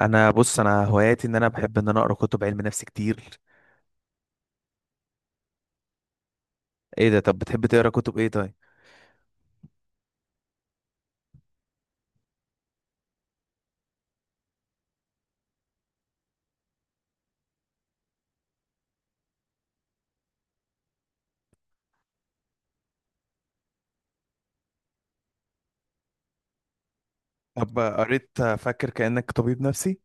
انا بص انا هواياتي ان انا بحب ان انا اقرا كتب علم نفس كتير. ايه ده؟ طب بتحب تقرا كتب ايه طيب؟ طب قريت فاكر كأنك طبيب نفسي.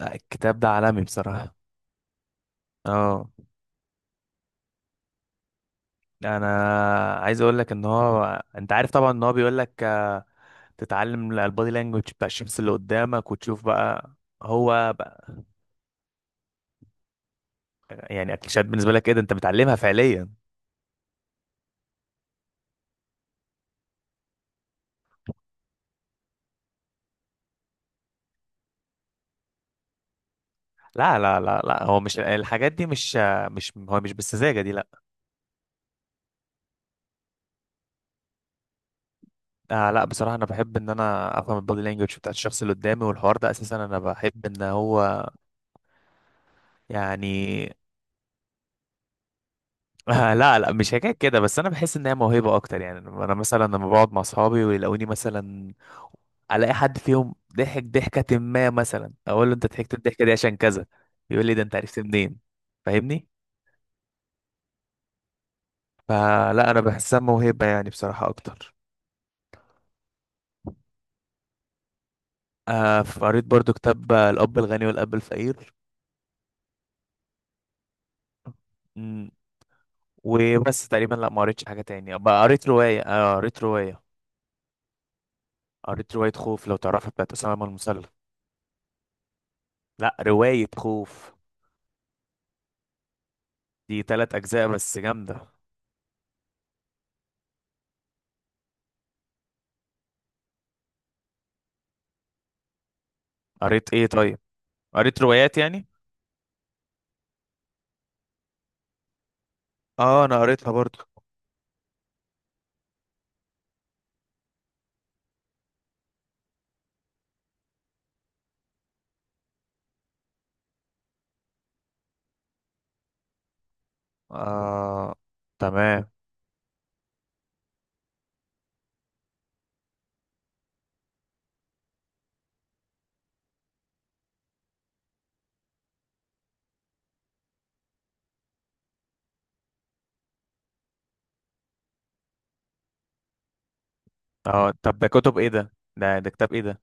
لا الكتاب ده عالمي بصراحة. اه، انا عايز اقول لك ان هو انت عارف طبعا ان هو بيقول لك تتعلم البادي لانجوج بتاع الشخص اللي قدامك وتشوف بقى. هو يعني اكليشات بالنسبه لك؟ ايه ده انت بتعلمها فعليا؟ لا لا لا لا، هو مش الحاجات دي، مش هو مش بالسذاجه دي، لا. لا بصراحه انا بحب ان انا افهم البادي لانجوج بتاعت الشخص اللي قدامي، والحوار ده اساسا انا بحب ان هو يعني. لا لا، مش حكايه كده، بس انا بحس ان هي موهبه اكتر يعني. انا مثلا لما بقعد مع اصحابي ويلاقوني مثلا الاقي حد فيهم ضحك ضحكه ما، مثلا اقول له انت ضحكت الضحكه دي عشان كذا، يقول لي ده انت عرفت منين؟ فاهمني؟ فلا انا بحسها موهبه يعني بصراحه اكتر. قريت برضو كتاب، الأب الغني والأب الفقير. مم، وبس تقريبا. لا ما قريتش حاجة تاني بقى. قريت رواية، قريت رواية خوف لو تعرفها، بتاعت أسامة من المسلم. لا رواية خوف. دي تلات أجزاء بس جامدة. قريت إيه طيب؟ قريت روايات يعني. آه أنا قريتها برضو. آه، تمام. آه طب ده كتب إيه ده؟ ده كتاب إيه ده؟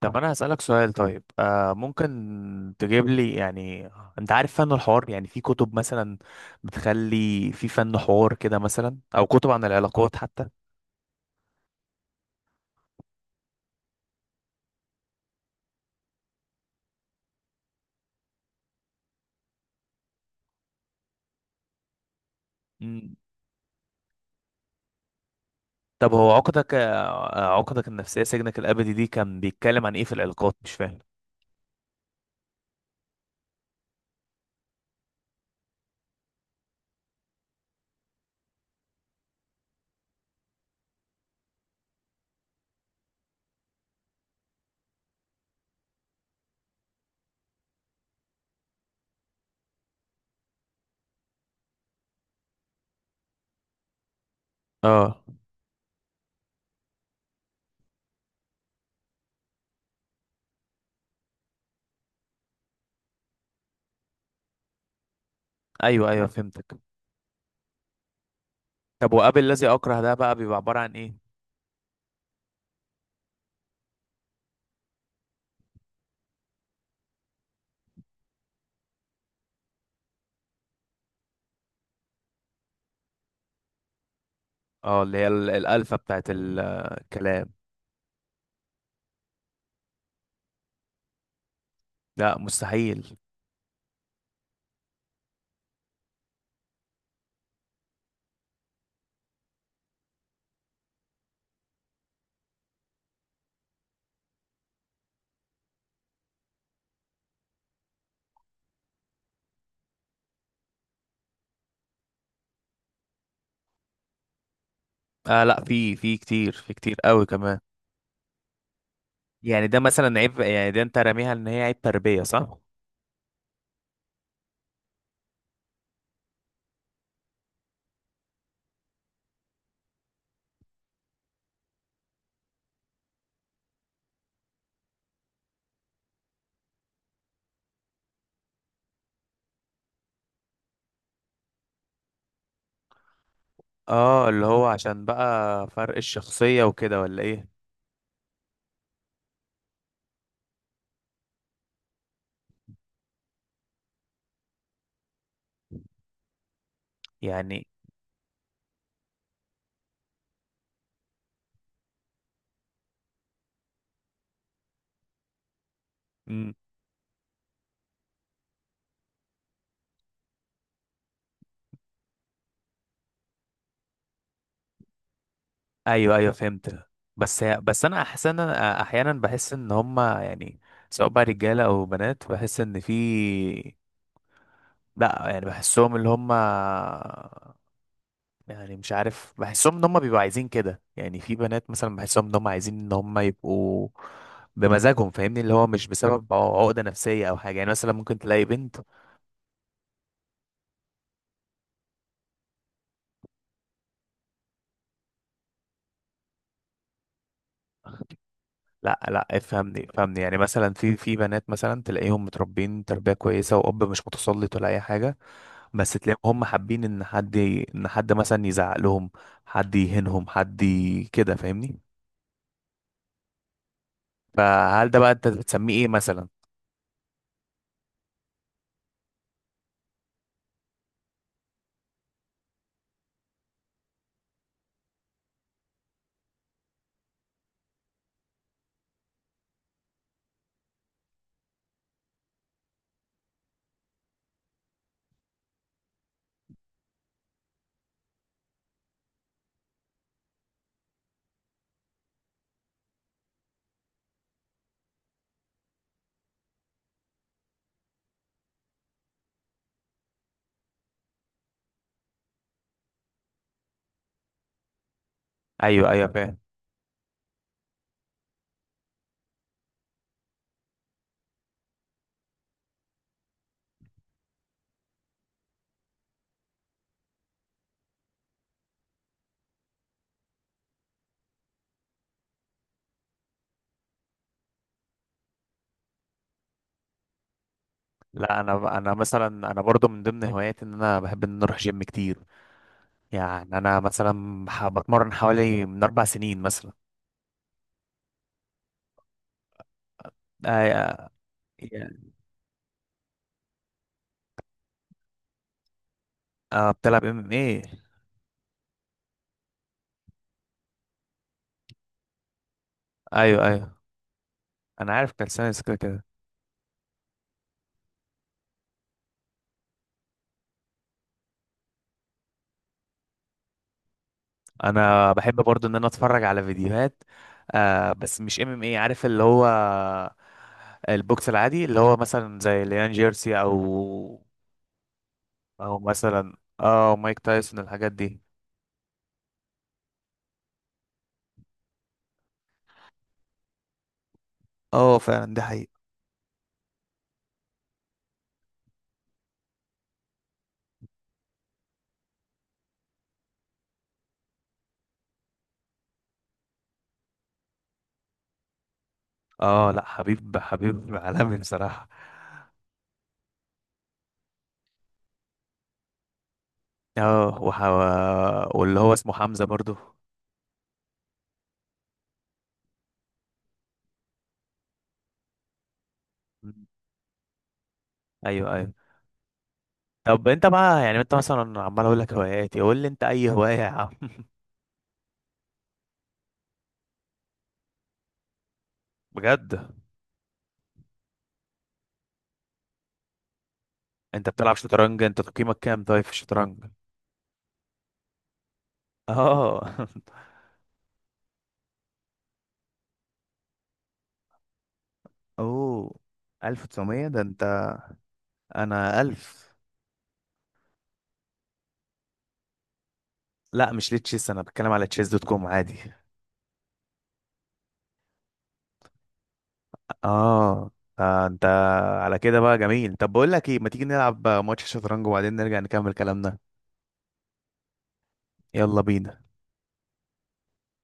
طب انا هسألك سؤال طيب، ممكن تجيب لي يعني. انت عارف فن الحوار، يعني في كتب مثلا بتخلي في فن حوار كده مثلا، او كتب عن العلاقات حتى. مم. طب هو عقدك، عقدك النفسية سجنك الابدي دي كان بيتكلم عن ايه في العلاقات؟ مش فاهم. اه ايوه ايوه فهمتك. طب وقابل الذي اكره ده بقى بيبقى عبارة عن ايه؟ اه، اللي هي الالفة بتاعت الكلام. لا مستحيل. لا، في في كتير، في كتير قوي كمان. يعني ده مثلا عيب، يعني ده انت راميها ان هي عيب تربية صح؟ اه، اللي هو عشان بقى فرق الشخصية وكده ولا ايه؟ يعني. مم. ايوه ايوه فهمت. بس هي بس انا احسنا احيانا بحس ان هما يعني سواء بقى رجالة او بنات، بحس ان في، لا يعني بحسهم اللي هما يعني، مش عارف بحسهم ان هما بيبقوا عايزين كده يعني. في بنات مثلا بحسهم ان هما عايزين ان هما يبقوا بمزاجهم، فاهمني؟ اللي هو مش بسبب عقدة نفسية او حاجة، يعني مثلا ممكن تلاقي بنت. لا لا افهمني افهمني، يعني مثلا في بنات مثلا تلاقيهم متربين تربية كويسة، وأب مش متسلط ولا أي حاجة، بس تلاقيهم هم حابين إن حد مثلا يزعق لهم، حد يهينهم، كده فاهمني. فهل ده بقى أنت بتسميه إيه مثلا؟ أيوه أيوه فاهم. لا أنا، أنا مثلا أنا برضو من ضمن هواياتي إن أنا بحب إن أنا أروح جيم كتير. يعني أنا مثلا بتمرن حوالي من أربع سنين مثلا. أي- أه بتلعب ام ام ايه؟ ايوه ايوه انا عارف كالسينس كده كده. انا بحب برضو ان انا اتفرج على فيديوهات، بس مش ام ام اي، عارف اللي هو البوكس العادي اللي هو مثلا زي ليان جيرسي، او او مثلا اه مايك تايسون الحاجات دي. اه فعلا دي حقيقة. اه لا، حبيب حبيب عالمي بصراحة. اه وح... واللي هو اسمه حمزة برضو. مم. ايوه ايوه. طب انت بقى يعني، انت مثلا عمال اقول لك هواياتي، قول لي انت اي هواية يا عم. بجد؟ انت بتلعب شطرنج؟ انت تقييمك كام طيب في الشطرنج؟ اه. اوه، 1900 ده انت! انا 1000. لا مش لتشيس، انا بتكلم على تشيس دوت كوم عادي. اه، انت على كده بقى جميل. طب بقول لك ايه، ما تيجي نلعب ماتش شطرنج وبعدين نرجع نكمل كلامنا. يلا بينا.